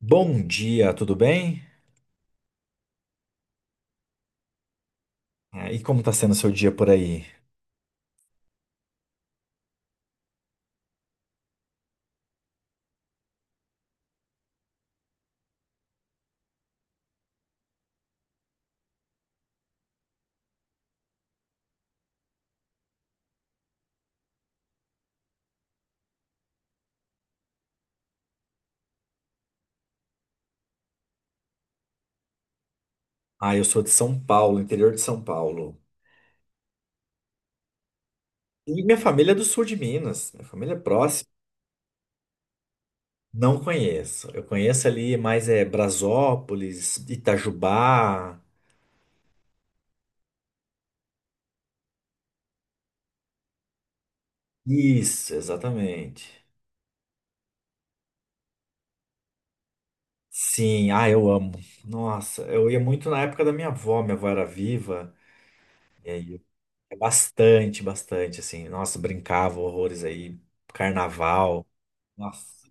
Bom dia, tudo bem? É, e como está sendo o seu dia por aí? Ah, eu sou de São Paulo, interior de São Paulo. E minha família é do sul de Minas, minha família é próxima. Não conheço. Eu conheço ali mais é Brasópolis, Itajubá. Isso, exatamente. Sim, ah, eu amo. Nossa, eu ia muito na época da minha avó era viva. E aí, eu- É bastante, bastante, assim. Nossa, brincava horrores aí. Carnaval. Nossa,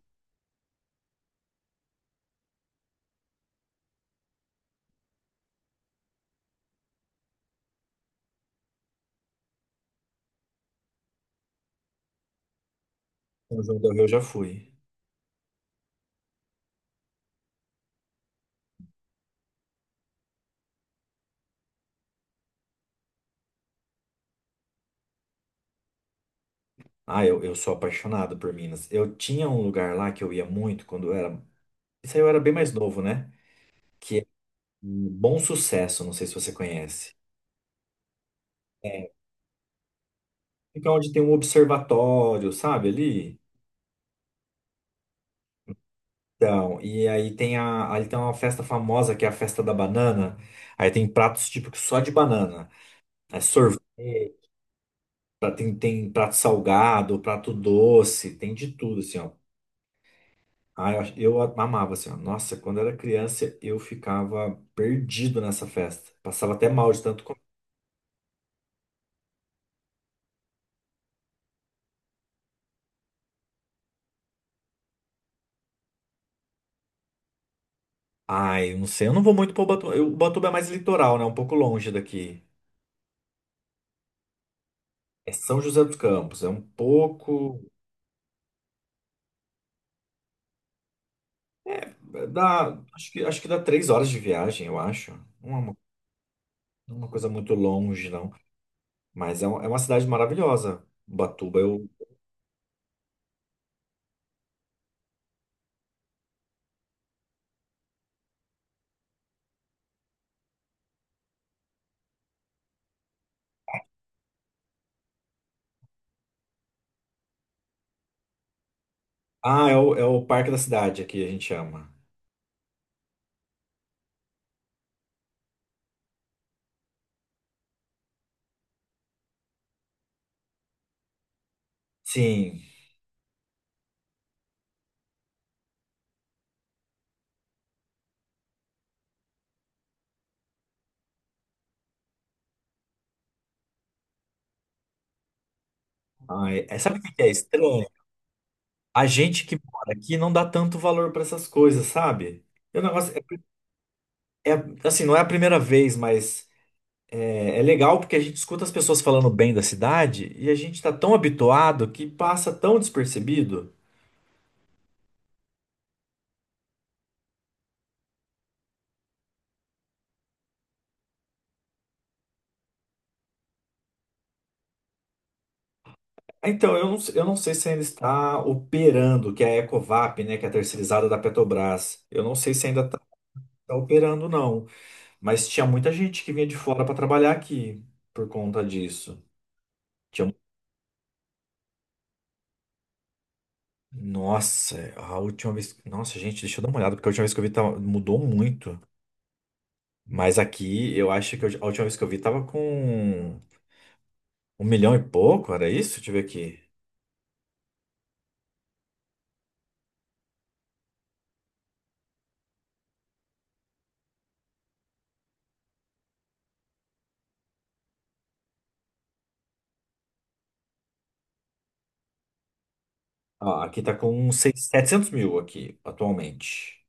São João do Rio eu já fui. Ah, eu sou apaixonado por Minas. Eu tinha um lugar lá que eu ia muito quando eu era. Isso aí eu era bem mais novo, né? Que é um Bom Sucesso, não sei se você conhece. É, fica onde tem um observatório, sabe, ali? Então, e aí ali tem uma festa famosa que é a festa da banana. Aí tem pratos típicos só de banana. É sorvete, tem prato salgado, prato doce, tem de tudo, assim, ó. Ah, eu amava, assim, ó. Nossa, quando eu era criança, eu ficava perdido nessa festa. Passava até mal de tanto comer. Ai, eu não sei, eu não vou muito pro Ubatuba. Ubatuba é mais litoral, né? É um pouco longe daqui. É São José dos Campos, é um pouco... Dá, acho que dá 3 horas de viagem, eu acho. Não é uma, não é uma coisa muito longe, não. Mas é uma cidade maravilhosa, Ubatuba. Eu, ah, é o Parque da Cidade aqui, a gente chama. Sim. Ai, sabe o que que é estranho? A gente que mora aqui não dá tanto valor para essas coisas, sabe? E o negócio assim, não é a primeira vez, mas é legal porque a gente escuta as pessoas falando bem da cidade e a gente está tão habituado que passa tão despercebido. Então, eu não sei se ainda está operando, que é a Ecovap, né, que é a terceirizada da Petrobras. Eu não sei se ainda está operando, não. Mas tinha muita gente que vinha de fora para trabalhar aqui por conta disso. Nossa, a última vez. Nossa, gente, deixa eu dar uma olhada, porque a última vez que eu vi tava... mudou muito. Mas aqui, eu acho que eu- a última vez que eu vi tava com 1 milhão e pouco, era isso? Deixa eu ver aqui. Ó, aqui tá com 700 mil aqui, atualmente.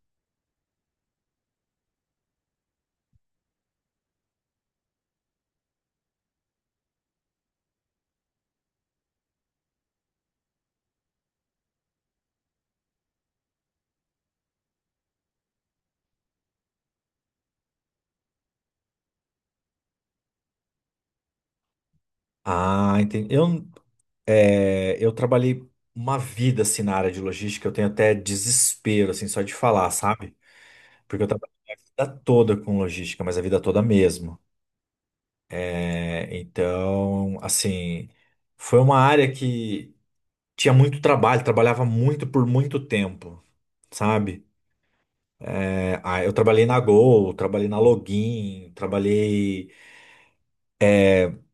Ah, entendi. Eu trabalhei uma vida assim na área de logística, eu tenho até desespero, assim, só de falar, sabe? Porque eu trabalhei a vida toda com logística, mas a vida toda mesmo. É, então, assim, foi uma área que tinha muito trabalho, trabalhava muito por muito tempo, sabe? É, ah, eu trabalhei na Gol, trabalhei na Login, trabalhei.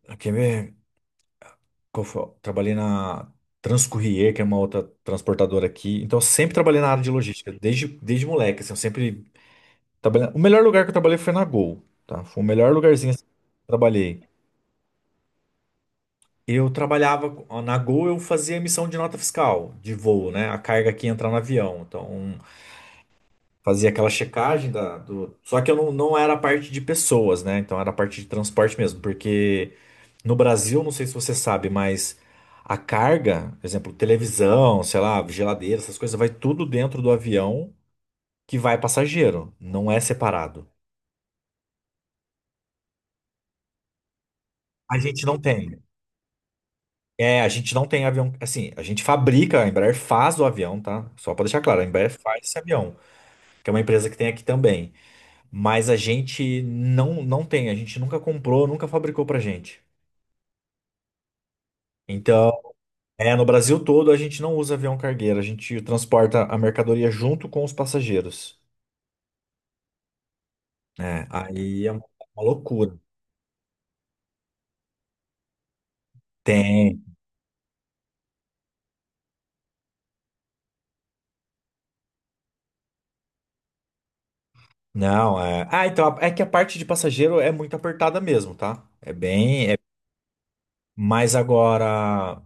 Ah, quer ver? Qual foi? Trabalhei na Transcourier, que é uma outra transportadora aqui. Então, eu sempre trabalhei na área de logística, desde moleque, assim, eu sempre trabalhei. O melhor lugar que eu trabalhei foi na Gol, tá? Foi o melhor lugarzinho assim, que eu trabalhei. Eu trabalhava na Gol, eu fazia emissão de nota fiscal de voo, né? A carga que entra no avião. Então, fazia aquela checagem da, do. Só que eu não, não era a parte de pessoas, né? Então, era a parte de transporte mesmo. Porque no Brasil, não sei se você sabe, mas a carga, por exemplo, televisão, sei lá, geladeira, essas coisas, vai tudo dentro do avião que vai passageiro. Não é separado. A gente não tem. É, a gente não tem avião. Assim, a gente fabrica, a Embraer faz o avião, tá? Só pra deixar claro, a Embraer faz esse avião. Que é uma empresa que tem aqui também. Mas a gente não tem, a gente nunca comprou, nunca fabricou pra gente. Então, no Brasil todo a gente não usa avião cargueiro, a gente transporta a mercadoria junto com os passageiros. É, aí é uma loucura. Tem. Não, é. Ah, então é que a parte de passageiro é muito apertada mesmo, tá? É bem. É... Mas agora,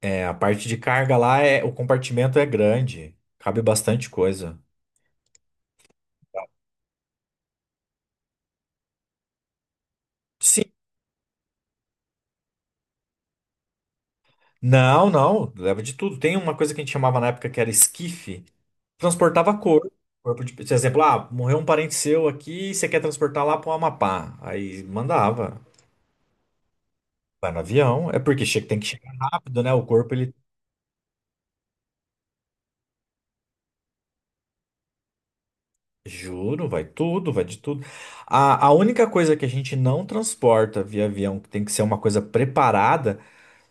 é, a parte de carga lá é o compartimento é grande, cabe bastante coisa. Não, não, leva de tudo. Tem uma coisa que a gente chamava na época que era esquife, transportava corpo. Corpo de, por exemplo, ah, morreu um parente seu aqui, você quer transportar lá para o Amapá. Aí mandava, vai no avião, é porque tem que chegar rápido, né? O corpo, ele, juro, vai tudo, vai de tudo. A única coisa que a gente não transporta via avião, que tem que ser uma coisa preparada,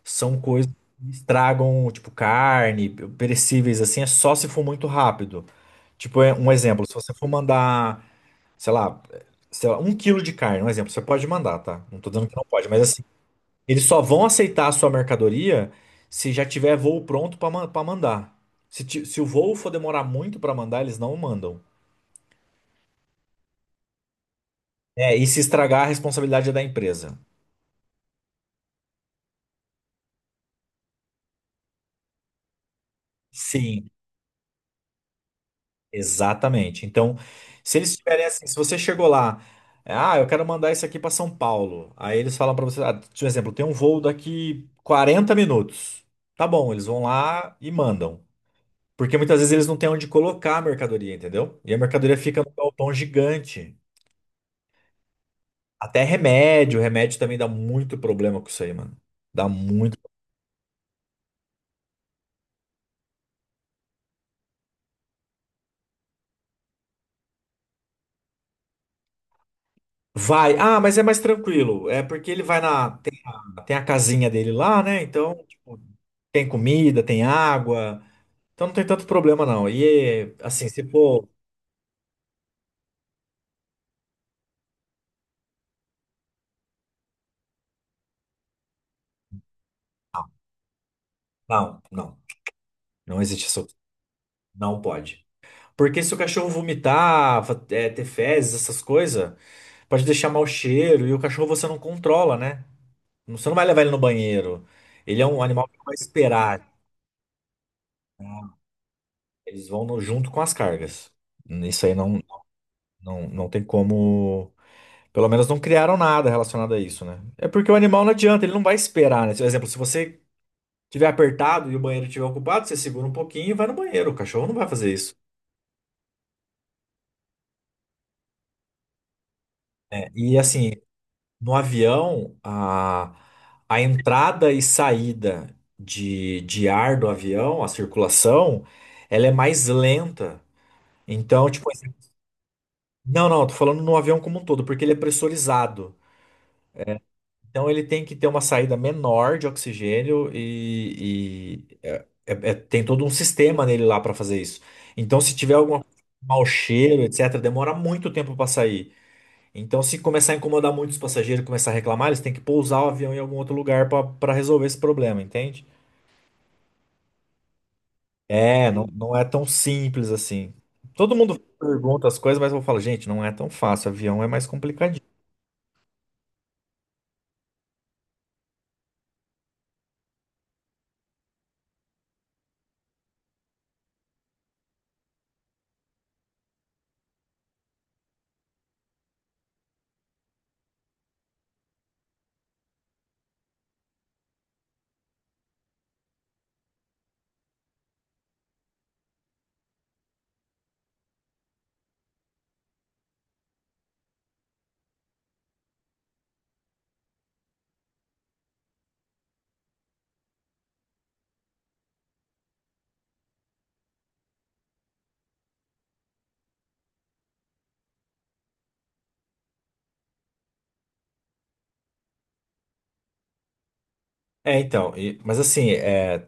são coisas que estragam, tipo carne, perecíveis, assim, é só se for muito rápido. Tipo, é um exemplo, se você for mandar. sei lá, sei lá, 1 quilo de carne, um exemplo, você pode mandar, tá? Não tô dizendo que não pode, mas assim, eles só vão aceitar a sua mercadoria se já tiver voo pronto pra mandar. Se o voo for demorar muito pra mandar, eles não mandam. É, e se estragar, a responsabilidade é da empresa. Sim, exatamente. Então, se eles tiverem assim, se você chegou lá, ah, eu quero mandar isso aqui pra São Paulo. Aí eles falam pra você, ah, por exemplo, tem um voo daqui 40 minutos. Tá bom, eles vão lá e mandam. Porque muitas vezes eles não têm onde colocar a mercadoria, entendeu? E a mercadoria fica num galpão gigante. Até remédio, remédio também dá muito problema com isso aí, mano. Dá muito. Vai. Ah, mas é mais tranquilo. É porque ele vai na. Tem, tem a casinha dele lá, né? Então, tipo, tem comida, tem água. Então não tem tanto problema, não. E assim, se for. Não, não. Não existe isso. Não pode. Porque se o cachorro vomitar, é, ter fezes, essas coisas. Pode deixar mau cheiro e o cachorro você não controla, né? Você não vai levar ele no banheiro. Ele é um animal que não vai esperar. Né? Eles vão junto com as cargas. Isso aí não, não, não tem como. Pelo menos não criaram nada relacionado a isso, né? É porque o animal não adianta, ele não vai esperar, né? Por exemplo, se você tiver apertado e o banheiro estiver ocupado, você segura um pouquinho e vai no banheiro. O cachorro não vai fazer isso. Né? E assim, no avião, a entrada e saída de ar do avião, a circulação, ela é mais lenta. Então, tipo, assim, não, tô falando no avião como um todo, porque ele é pressurizado. Então, ele tem que ter uma saída menor de oxigênio e tem todo um sistema nele lá para fazer isso. Então, se tiver algum mau cheiro, etc., demora muito tempo para sair. Então, se começar a incomodar muito os passageiros, começar a reclamar, eles têm que pousar o avião em algum outro lugar para resolver esse problema, entende? É, não, não é tão simples assim. Todo mundo pergunta as coisas, mas eu falo, gente, não é tão fácil, avião é mais complicadinho. É, então, mas assim, é,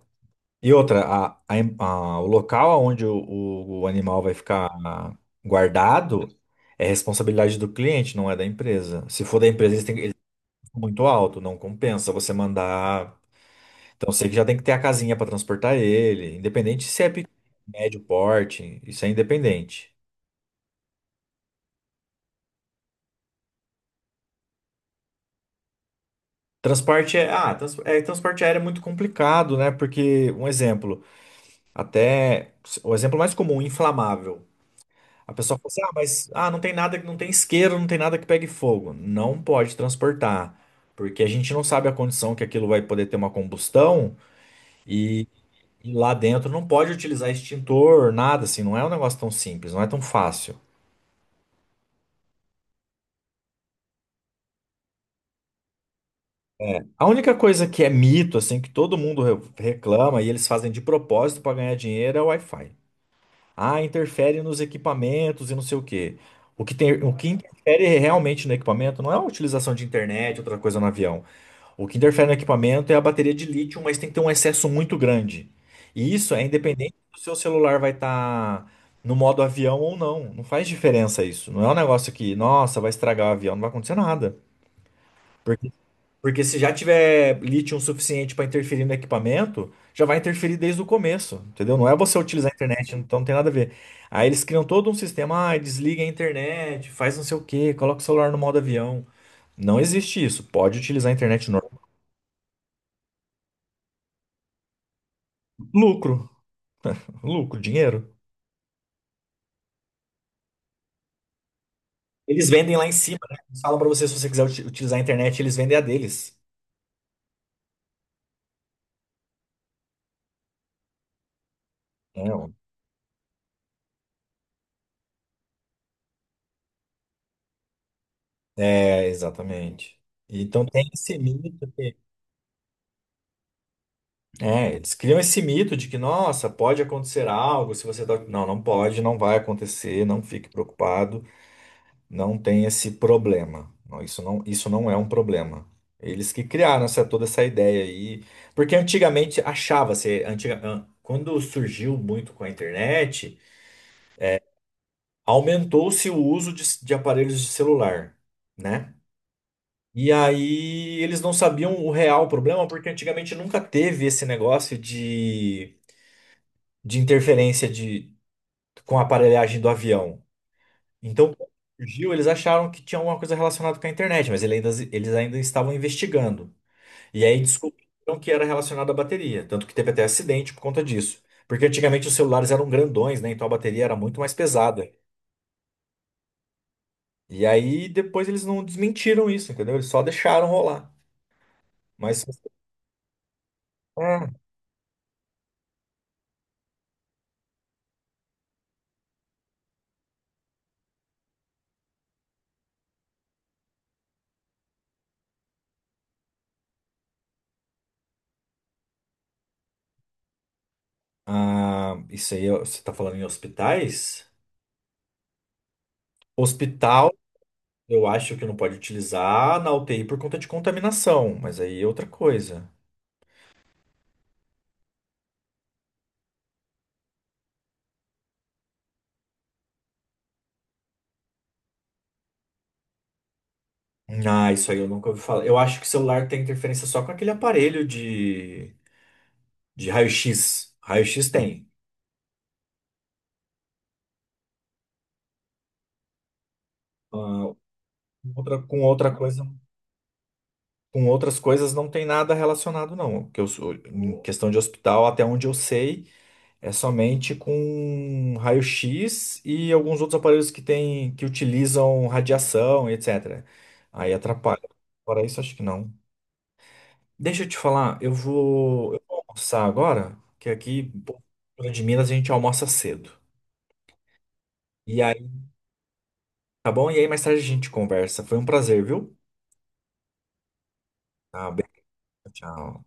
e outra, o local onde o, o animal vai ficar guardado é responsabilidade do cliente, não é da empresa. Se for da empresa, eles têm muito alto, não compensa você mandar. Então sei que já tem que ter a casinha para transportar ele, independente se é pequeno, médio porte, isso é independente. Transporte é, ah, transporte aéreo é muito complicado, né? Porque um exemplo, até o exemplo mais comum, inflamável. A pessoa fala assim: "Ah, mas ah, não tem nada, não tem isqueiro, não tem nada que pegue fogo". Não pode transportar, porque a gente não sabe a condição que aquilo vai poder ter uma combustão e lá dentro não pode utilizar extintor, nada assim, não é um negócio tão simples, não é tão fácil. A única coisa que é mito, assim, que todo mundo reclama e eles fazem de propósito para ganhar dinheiro é o Wi-Fi. Ah, interfere nos equipamentos e não sei o quê. O que tem, o que interfere realmente no equipamento não é a utilização de internet, outra coisa no avião. O que interfere no equipamento é a bateria de lítio, mas tem que ter um excesso muito grande. E isso é independente do seu celular vai estar no modo avião ou não. Não faz diferença isso. Não é um negócio que, nossa, vai estragar o avião, não vai acontecer nada. Porque se já tiver lítio suficiente para interferir no equipamento, já vai interferir desde o começo, entendeu? Não é você utilizar a internet, então não tem nada a ver. Aí eles criam todo um sistema, ah, desliga a internet, faz não sei o quê, coloca o celular no modo avião. Não existe isso. Pode utilizar a internet normal. Lucro, lucro, dinheiro. Eles vendem lá em cima, né? Eles falam para você, se você quiser utilizar a internet, eles vendem a deles. Não. É, exatamente. Então tem esse mito. É, eles criam esse mito de que, nossa, pode acontecer algo se você tá... Não, não pode, não vai acontecer, não fique preocupado, não tem esse problema. Não, isso não, isso não é um problema. Eles que criaram essa, toda essa ideia aí. Porque antigamente achava-se, quando surgiu muito com a internet, aumentou-se o uso de aparelhos de celular, né? E aí eles não sabiam o real problema, porque antigamente nunca teve esse negócio de interferência com a aparelhagem do avião. Então, quando surgiu, eles acharam que tinha alguma coisa relacionada com a internet, mas eles ainda estavam investigando. E aí descobriram que era relacionado à bateria, tanto que teve até acidente por conta disso. Porque antigamente os celulares eram grandões, né? Então a bateria era muito mais pesada. E aí depois eles não desmentiram isso, entendeu? Eles só deixaram rolar. Mas é, ah, isso aí ó, você tá falando em hospitais? Hospital, eu acho que não pode utilizar na UTI por conta de contaminação, mas aí é outra coisa. Ah, isso aí eu nunca ouvi falar. Eu acho que o celular tem interferência só com aquele aparelho de raio-x. Raio-x tem. Ah, outra, com outra coisa, com outras coisas não tem nada relacionado, não. Que eu, em questão de hospital, até onde eu sei, é somente com raio-x e alguns outros aparelhos que tem, que utilizam radiação, etc. Aí atrapalha. Fora isso, acho que não. Deixa eu te falar, eu vou almoçar agora, que aqui, pô, fora de Minas, a gente almoça cedo. E aí, tá bom? E aí mais tarde a gente conversa. Foi um prazer, viu? Tá bem, tchau.